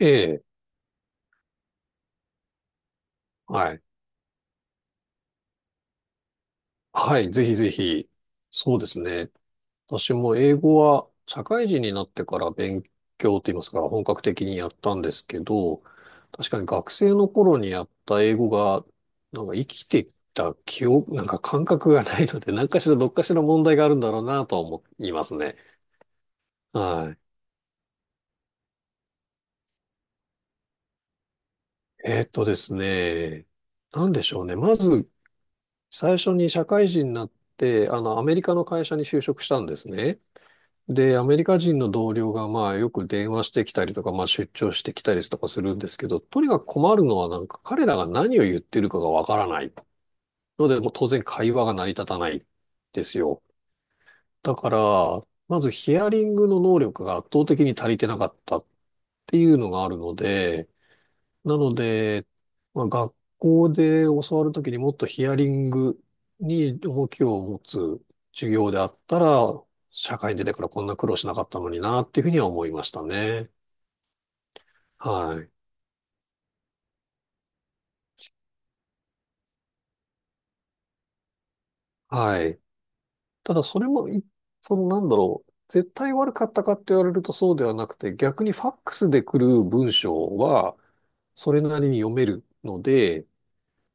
ええ、はい。はい、ぜひぜひ。そうですね。私も英語は社会人になってから勉強といいますか、本格的にやったんですけど、確かに学生の頃にやった英語が、なんか生きてきた記憶、なんか感覚がないので、何かしらどっかしら問題があるんだろうなとは思いますね。はい。ですね。なんでしょうね。まず、最初に社会人になって、あの、アメリカの会社に就職したんですね。で、アメリカ人の同僚が、まあ、よく電話してきたりとか、まあ、出張してきたりとかするんですけど、とにかく困るのは、なんか、彼らが何を言ってるかがわからない。ので、もう当然会話が成り立たないですよ。だから、まずヒアリングの能力が圧倒的に足りてなかったっていうのがあるので、なので、まあ、学校で教わるときにもっとヒアリングに重きを持つ授業であったら、社会に出てからこんな苦労しなかったのになっていうふうには思いましたね。はい。はい。ただそれもそのなんだろう。絶対悪かったかって言われるとそうではなくて、逆にファックスで来る文章はそれなりに読めるので、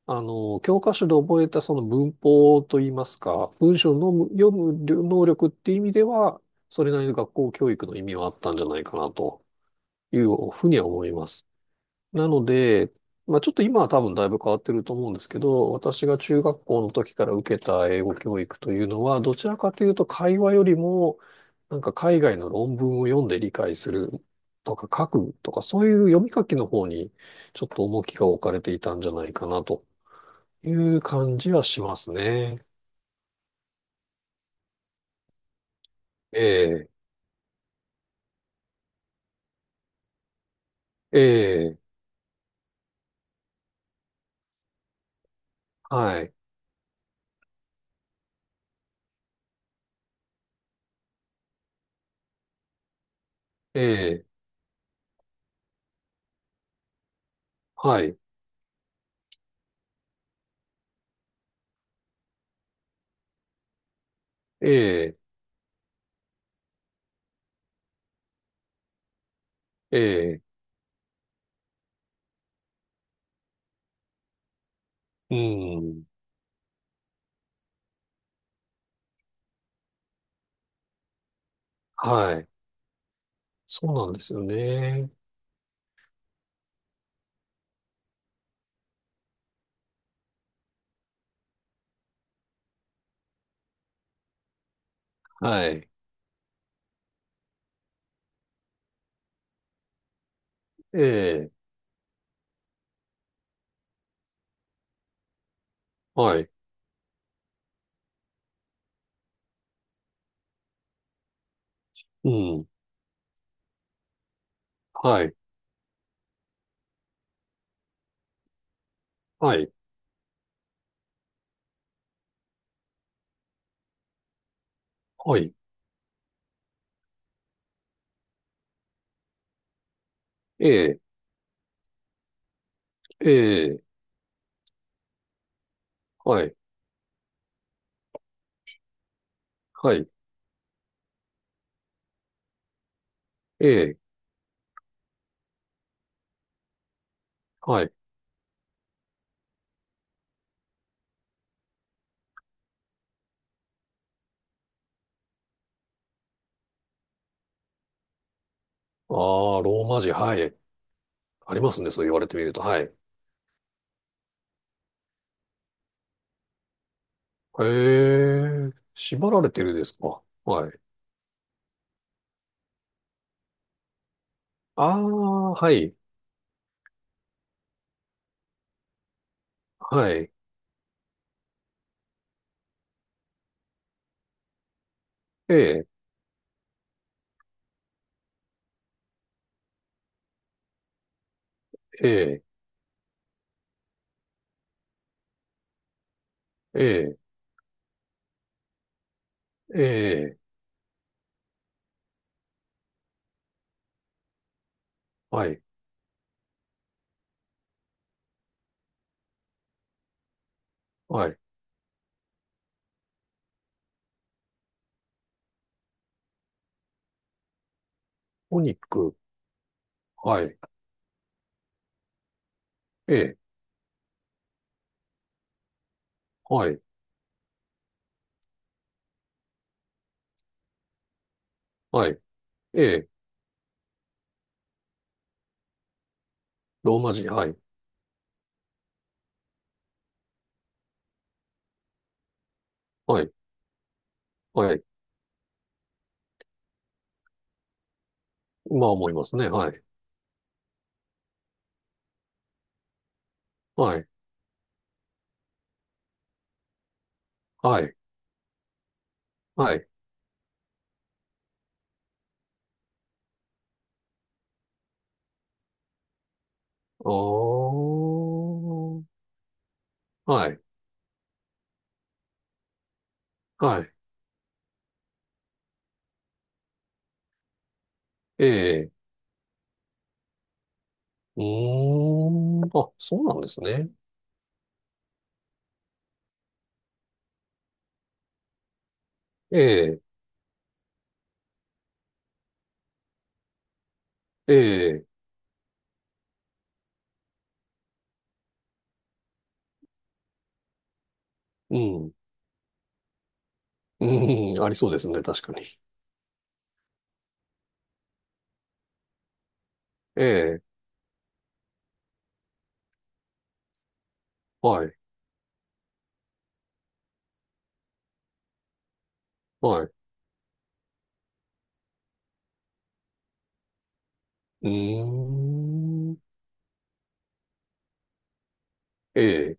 あの、教科書で覚えたその文法といいますか、文章の読む能力っていう意味では、それなりの学校教育の意味はあったんじゃないかなというふうには思います。なので、まあちょっと今は多分だいぶ変わってると思うんですけど、私が中学校の時から受けた英語教育というのは、どちらかというと会話よりも、なんか海外の論文を読んで理解するとか書くとか、そういう読み書きの方にちょっと重きが置かれていたんじゃないかなと。いう感じはしますね。ええ、ええ、はい、ええ、はい、ええ、ええ、うん、はい。そうなんですよね。はい、ええ、はい、うん、はい、はい、はい、ええ、ええ、はい、はい、ええ、はい。ああ、ローマ字、はい。ありますね、そう言われてみると。はい。へえ、縛られてるですか。はい。ああ、はい、はい、ええ、ええ、ええええ、はい、はい。お肉、はい、ええ、はい、はい、ええ、ローマ字、はい、はい、はい。まあ思いますね。はい、はい、はい、はい。あー、はい、はい、ええ、うーん、あ、そうなんですね。ええ、ええ、うん、うん、ありそうですね。確かに。ええ、はい、はい、うーん、ええ、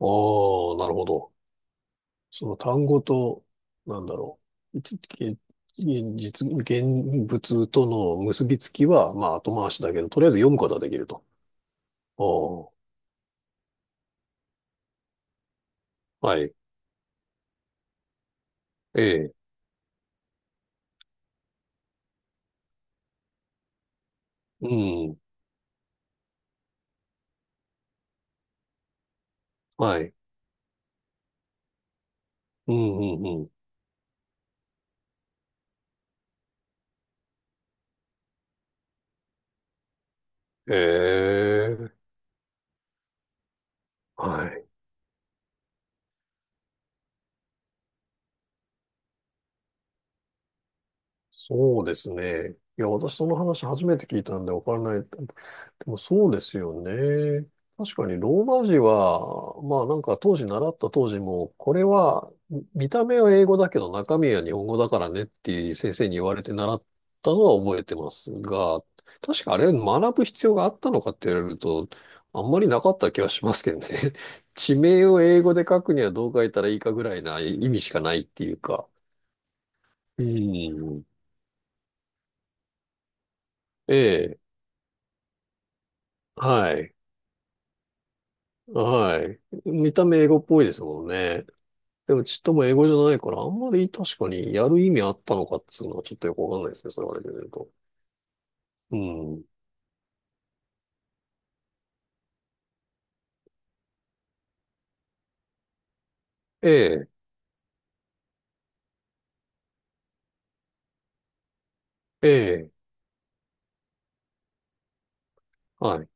ああなるほど。その単語と、なんだろう、現実、現物との結びつきは、まあ後回しだけど、とりあえず読むことはできると。おーはい。ええ。うん。はい。うん、うん、うん。ええ。はい。そうですね。いや、私その話初めて聞いたんでわからない。でもそうですよね。確かにローマ字は、まあなんか当時習った当時も、これは見た目は英語だけど中身は日本語だからねっていう先生に言われて習ったのは覚えてますが、確かあれ学ぶ必要があったのかって言われると、あんまりなかった気がしますけどね。地名を英語で書くにはどう書いたらいいかぐらいな意味しかないっていうか。うん。ええ。はい。はい。見た目英語っぽいですもんね。でもちっとも英語じゃないから、あんまり確かにやる意味あったのかっつうのはちょっとよくわかんないですね。それ言われてみると。うん。ええ、ええ、はい、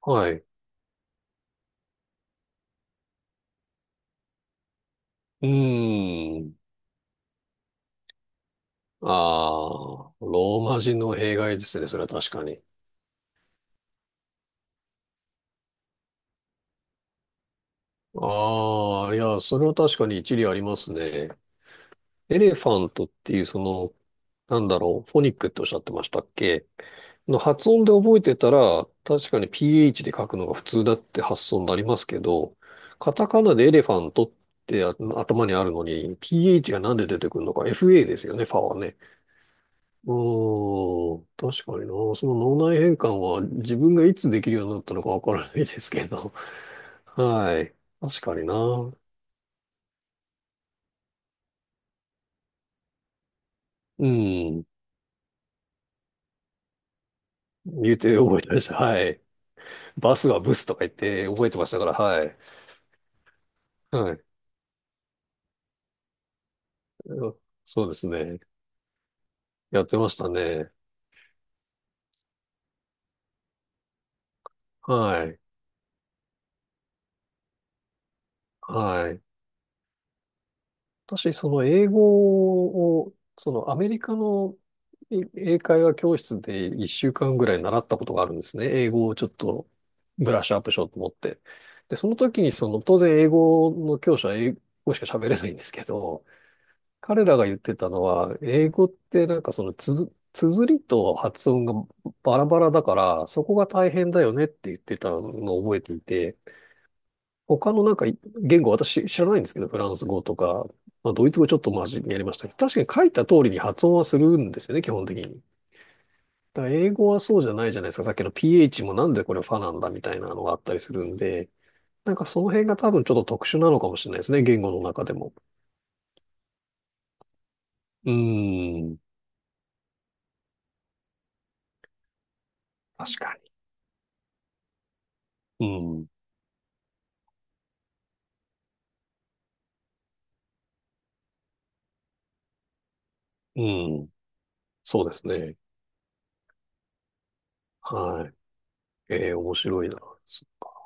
はい。うーん。ああ、ローマ字の弊害ですね。それは確かに。ああ、いや、それは確かに一理ありますね。エレファントっていうその、なんだろう、フォニックっておっしゃってましたっけの発音で覚えてたら、確かに PH で書くのが普通だって発想になりますけど、カタカナでエレファントって頭にあるのに、PH がなんで出てくるのか、FA ですよね、ファはね。うーん、確かにな。その脳内変換は自分がいつできるようになったのかわからないですけど。はい。確かにな。うん。言うて覚えたです。はい。バスがブスとか言って覚えてましたから、はい。はい。そうですね。やってましたね。はい。はい。私、その英語を、そのアメリカの英会話教室で1週間ぐらい習ったことがあるんですね。英語をちょっとブラッシュアップしようと思って。で、その時にその、当然英語の教師は英語しか喋れないんですけど、彼らが言ってたのは、英語ってなんかその綴りと発音がバラバラだから、そこが大変だよねって言ってたのを覚えていて、他のなんか言語私知らないんですけど、フランス語とか、まあ、ドイツ語ちょっとマジにやりましたけど、確かに書いた通りに発音はするんですよね、基本的に。だから英語はそうじゃないじゃないですか。さっきの PH もなんでこれファなんだみたいなのがあったりするんで、なんかその辺が多分ちょっと特殊なのかもしれないですね、言語の中でも。うーん、確かに。うん。うん。そうですね。はい。ええ、面白いな。そっか